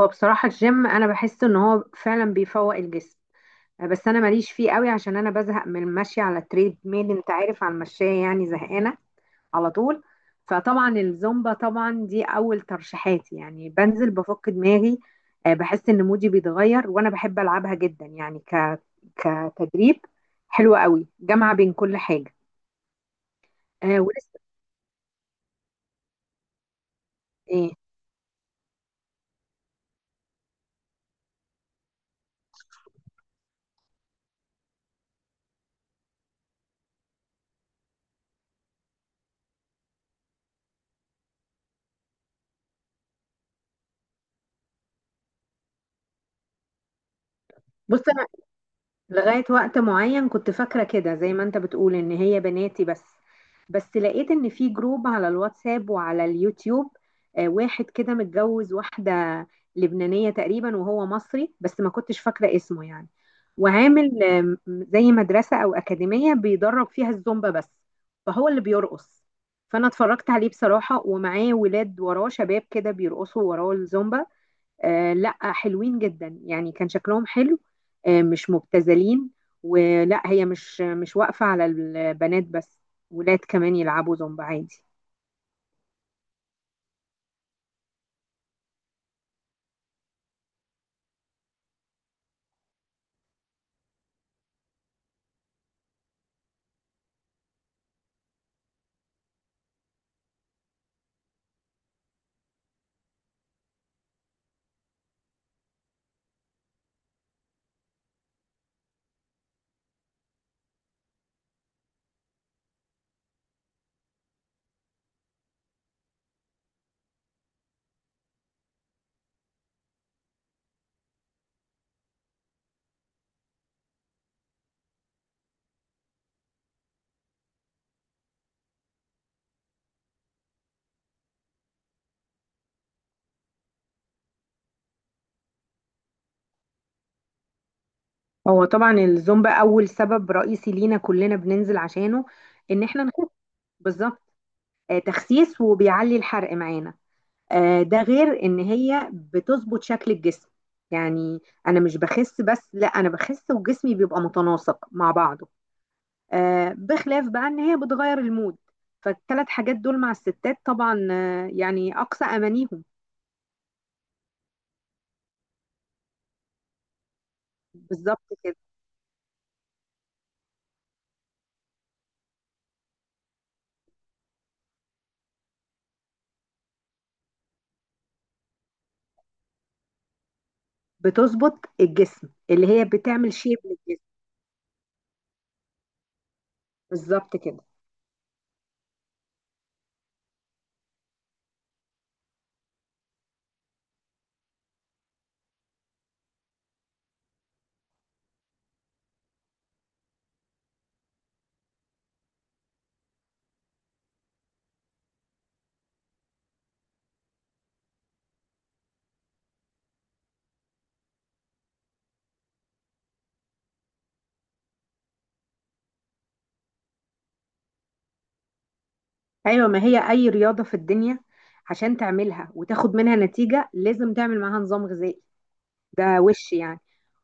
هو بصراحة الجيم أنا بحس إن هو فعلا بيفوق الجسم. بس أنا ماليش فيه قوي عشان أنا بزهق من المشي على تريد ميل، أنت عارف، على المشاية، يعني زهقانة على طول. فطبعا الزومبا طبعا دي أول ترشيحاتي، يعني بنزل بفك دماغي. بحس إن مودي بيتغير، وأنا بحب ألعبها جدا، يعني كتدريب حلوة قوي، جامعة بين كل حاجة. آه، ولسه. إيه. بص، لغاية وقت معين كنت فاكرة كده زي ما انت بتقول ان هي بناتي بس. بس لقيت ان في جروب على الواتساب وعلى اليوتيوب. واحد كده متجوز واحدة لبنانية تقريبا، وهو مصري، بس ما كنتش فاكرة اسمه يعني. وعامل زي مدرسة او أكاديمية بيدرب فيها الزومبا بس. فهو اللي بيرقص. فانا اتفرجت عليه بصراحة، ومعاه ولاد وراه، شباب كده بيرقصوا وراه الزومبا. لا، حلوين جدا يعني، كان شكلهم حلو. مش مبتذلين. ولا هي مش واقفة على البنات بس. ولاد كمان يلعبوا زومبا عادي. هو طبعا الزومبا أول سبب رئيسي لينا كلنا بننزل عشانه. إن إحنا نخس. بالظبط. تخسيس، وبيعلي الحرق معانا. ده غير إن هي بتظبط شكل الجسم، يعني أنا مش بخس، بس لا، أنا بخس وجسمي بيبقى متناسق مع بعضه. بخلاف بقى ان هي بتغير المود. فالثلاث حاجات دول مع الستات طبعا، يعني اقصى امانيهم. بالظبط كده. بتظبط الجسم، اللي هي بتعمل شيب للجسم. بالظبط كده. ايوه، ما هي اي رياضه في الدنيا عشان تعملها وتاخد منها نتيجه لازم تعمل معاها نظام غذائي. ده وش يعني.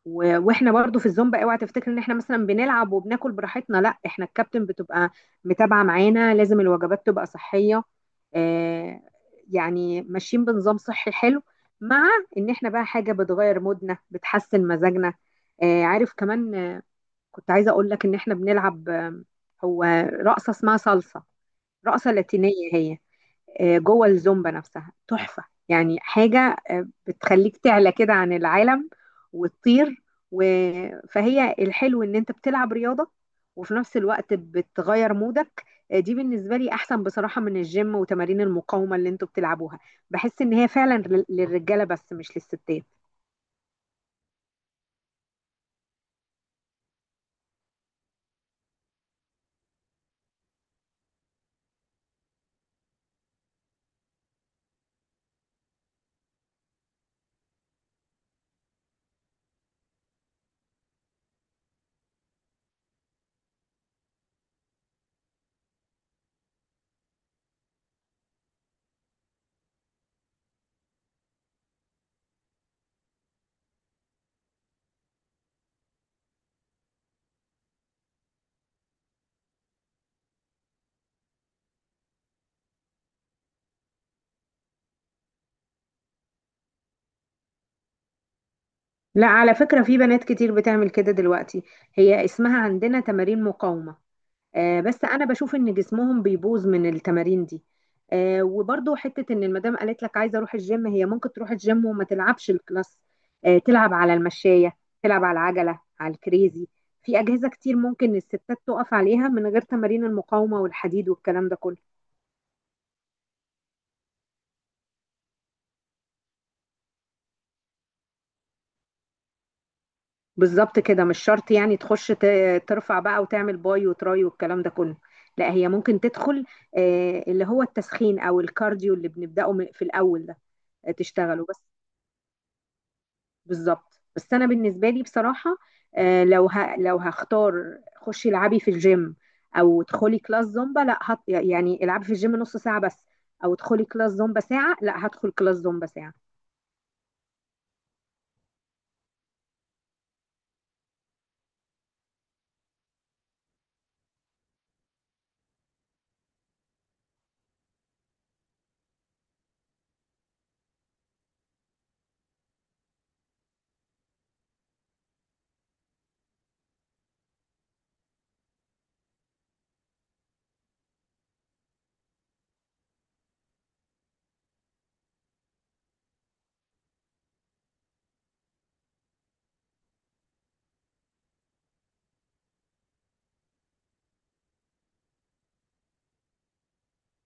واحنا برضو في الزومبا، اوعى تفتكر ان احنا مثلا بنلعب وبناكل براحتنا، لا، احنا الكابتن بتبقى متابعه معانا، لازم الوجبات تبقى صحيه. آه يعني ماشيين بنظام صحي حلو، مع ان احنا بقى حاجه بتغير مودنا، بتحسن مزاجنا. عارف كمان، كنت عايزه اقول لك ان احنا بنلعب. هو رقصه اسمها صلصه، رقصه لاتينيه هي، جوه الزومبا نفسها، تحفة. يعني حاجة بتخليك تعلى كده عن العالم وتطير. و... فهي الحلو ان انت بتلعب رياضة وفي نفس الوقت بتغير مودك. دي بالنسبة لي احسن بصراحة من الجيم وتمارين المقاومة اللي انتوا بتلعبوها. بحس ان هي فعلا للرجالة بس، مش للستات. لا، على فكرة في بنات كتير بتعمل كده دلوقتي. هي اسمها عندنا تمارين مقاومة. بس انا بشوف ان جسمهم بيبوظ من التمارين دي. وبرضو حته ان المدام قالت لك عايزه اروح الجيم، هي ممكن تروح الجيم وما تلعبش الكلاس. تلعب على المشايه، تلعب على العجله، على الكريزي. في اجهزه كتير ممكن الستات تقف عليها من غير تمارين المقاومه والحديد والكلام ده كله. بالظبط كده، مش شرط يعني تخش ترفع بقى وتعمل باي وتراي والكلام ده كله. لا، هي ممكن تدخل اللي هو التسخين او الكارديو اللي بنبداه في الاول ده. تشتغله بس. بالظبط. بس انا بالنسبه لي بصراحه، لو هختار، خشي العبي في الجيم او ادخلي كلاس زومبا، لا يعني العبي في الجيم نص ساعه بس او ادخلي كلاس زومبا ساعه، لا هدخل كلاس زومبا ساعه.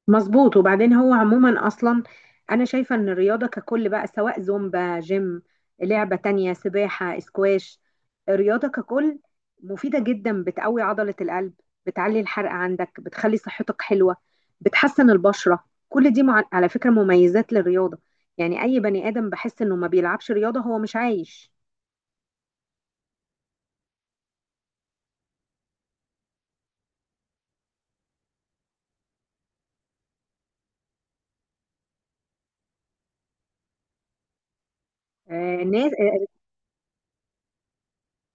مظبوط. وبعدين هو عموما اصلا انا شايفه ان الرياضه ككل بقى، سواء زومبا، جيم، لعبه تانية، سباحه، اسكواش، الرياضه ككل مفيده جدا، بتقوي عضله القلب، بتعلي الحرق عندك، بتخلي صحتك حلوه، بتحسن البشره. كل دي على فكره مميزات للرياضه. يعني اي بني ادم بحس انه ما بيلعبش رياضه هو مش عايش. الناس.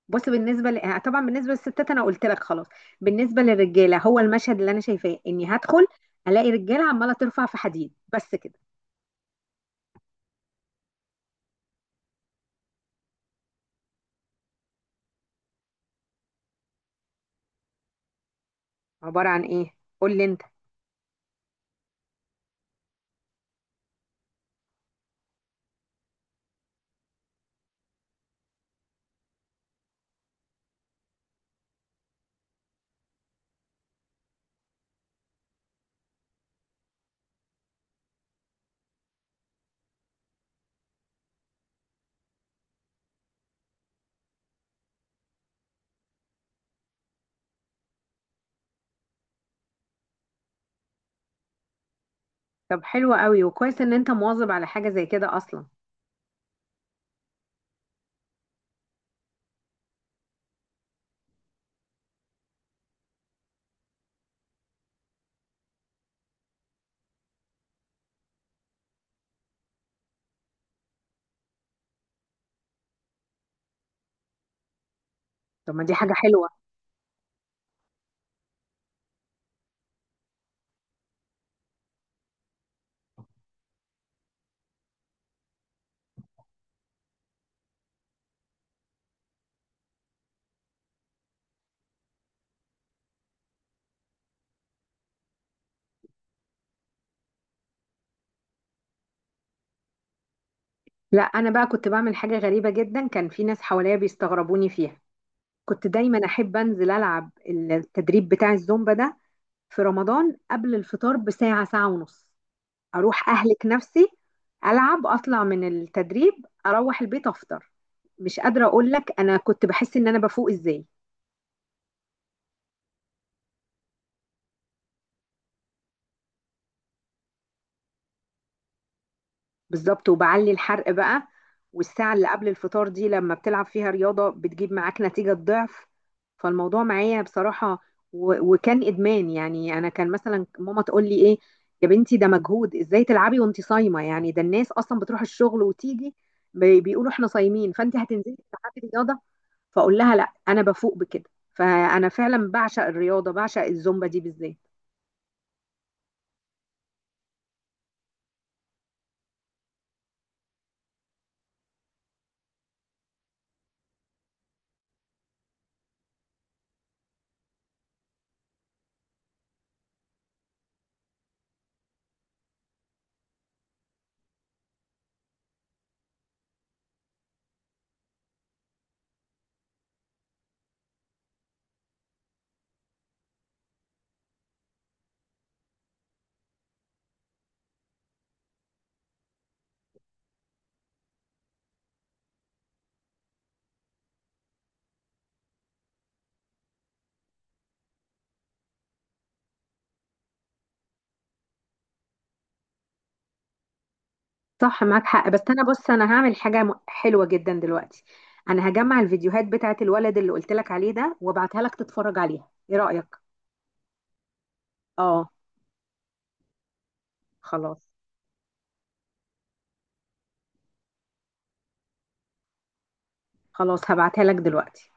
بص، طبعا بالنسبه للستات انا قلت لك خلاص. بالنسبه للرجاله هو المشهد اللي انا شايفاه اني هدخل الاقي رجاله عماله ترفع في حديد بس كده. عباره عن ايه؟ قول لي انت. طب حلو قوي، وكويس ان انت مواظب على حاجه زي كده اصلا. طب ما دي حاجه حلوه. لا، انا بقى كنت بعمل حاجه غريبه جدا، كان في ناس حواليا بيستغربوني فيها. كنت دايما احب انزل العب التدريب بتاع الزومبا ده في رمضان قبل الفطار بساعه، ساعه ونص. اروح اهلك نفسي. العب، اطلع من التدريب، اروح البيت افطر. مش قادره اقول لك انا كنت بحس ان انا بفوق ازاي. بالظبط، وبعلي الحرق بقى. والساعه اللي قبل الفطار دي لما بتلعب فيها رياضه بتجيب معاك نتيجه ضعف. فالموضوع معايا بصراحه وكان ادمان، يعني انا كان مثلا ماما تقول لي ايه، يا بنتي ده مجهود، ازاي تلعبي وانت صايمه، يعني ده الناس اصلا بتروح الشغل وتيجي بيقولوا احنا صايمين، فانت هتنزلي تلعبي رياضه. فاقول لها لا، انا بفوق بكده. فانا فعلا بعشق الرياضه، بعشق الزومبا دي بالذات. صح، معاك حق، بس انا، بص، انا هعمل حاجه حلوه جدا دلوقتي. انا هجمع الفيديوهات بتاعت الولد اللي قلت لك عليه ده وابعتها لك تتفرج عليها، ايه رايك؟ اه. خلاص. خلاص، هبعتها لك دلوقتي.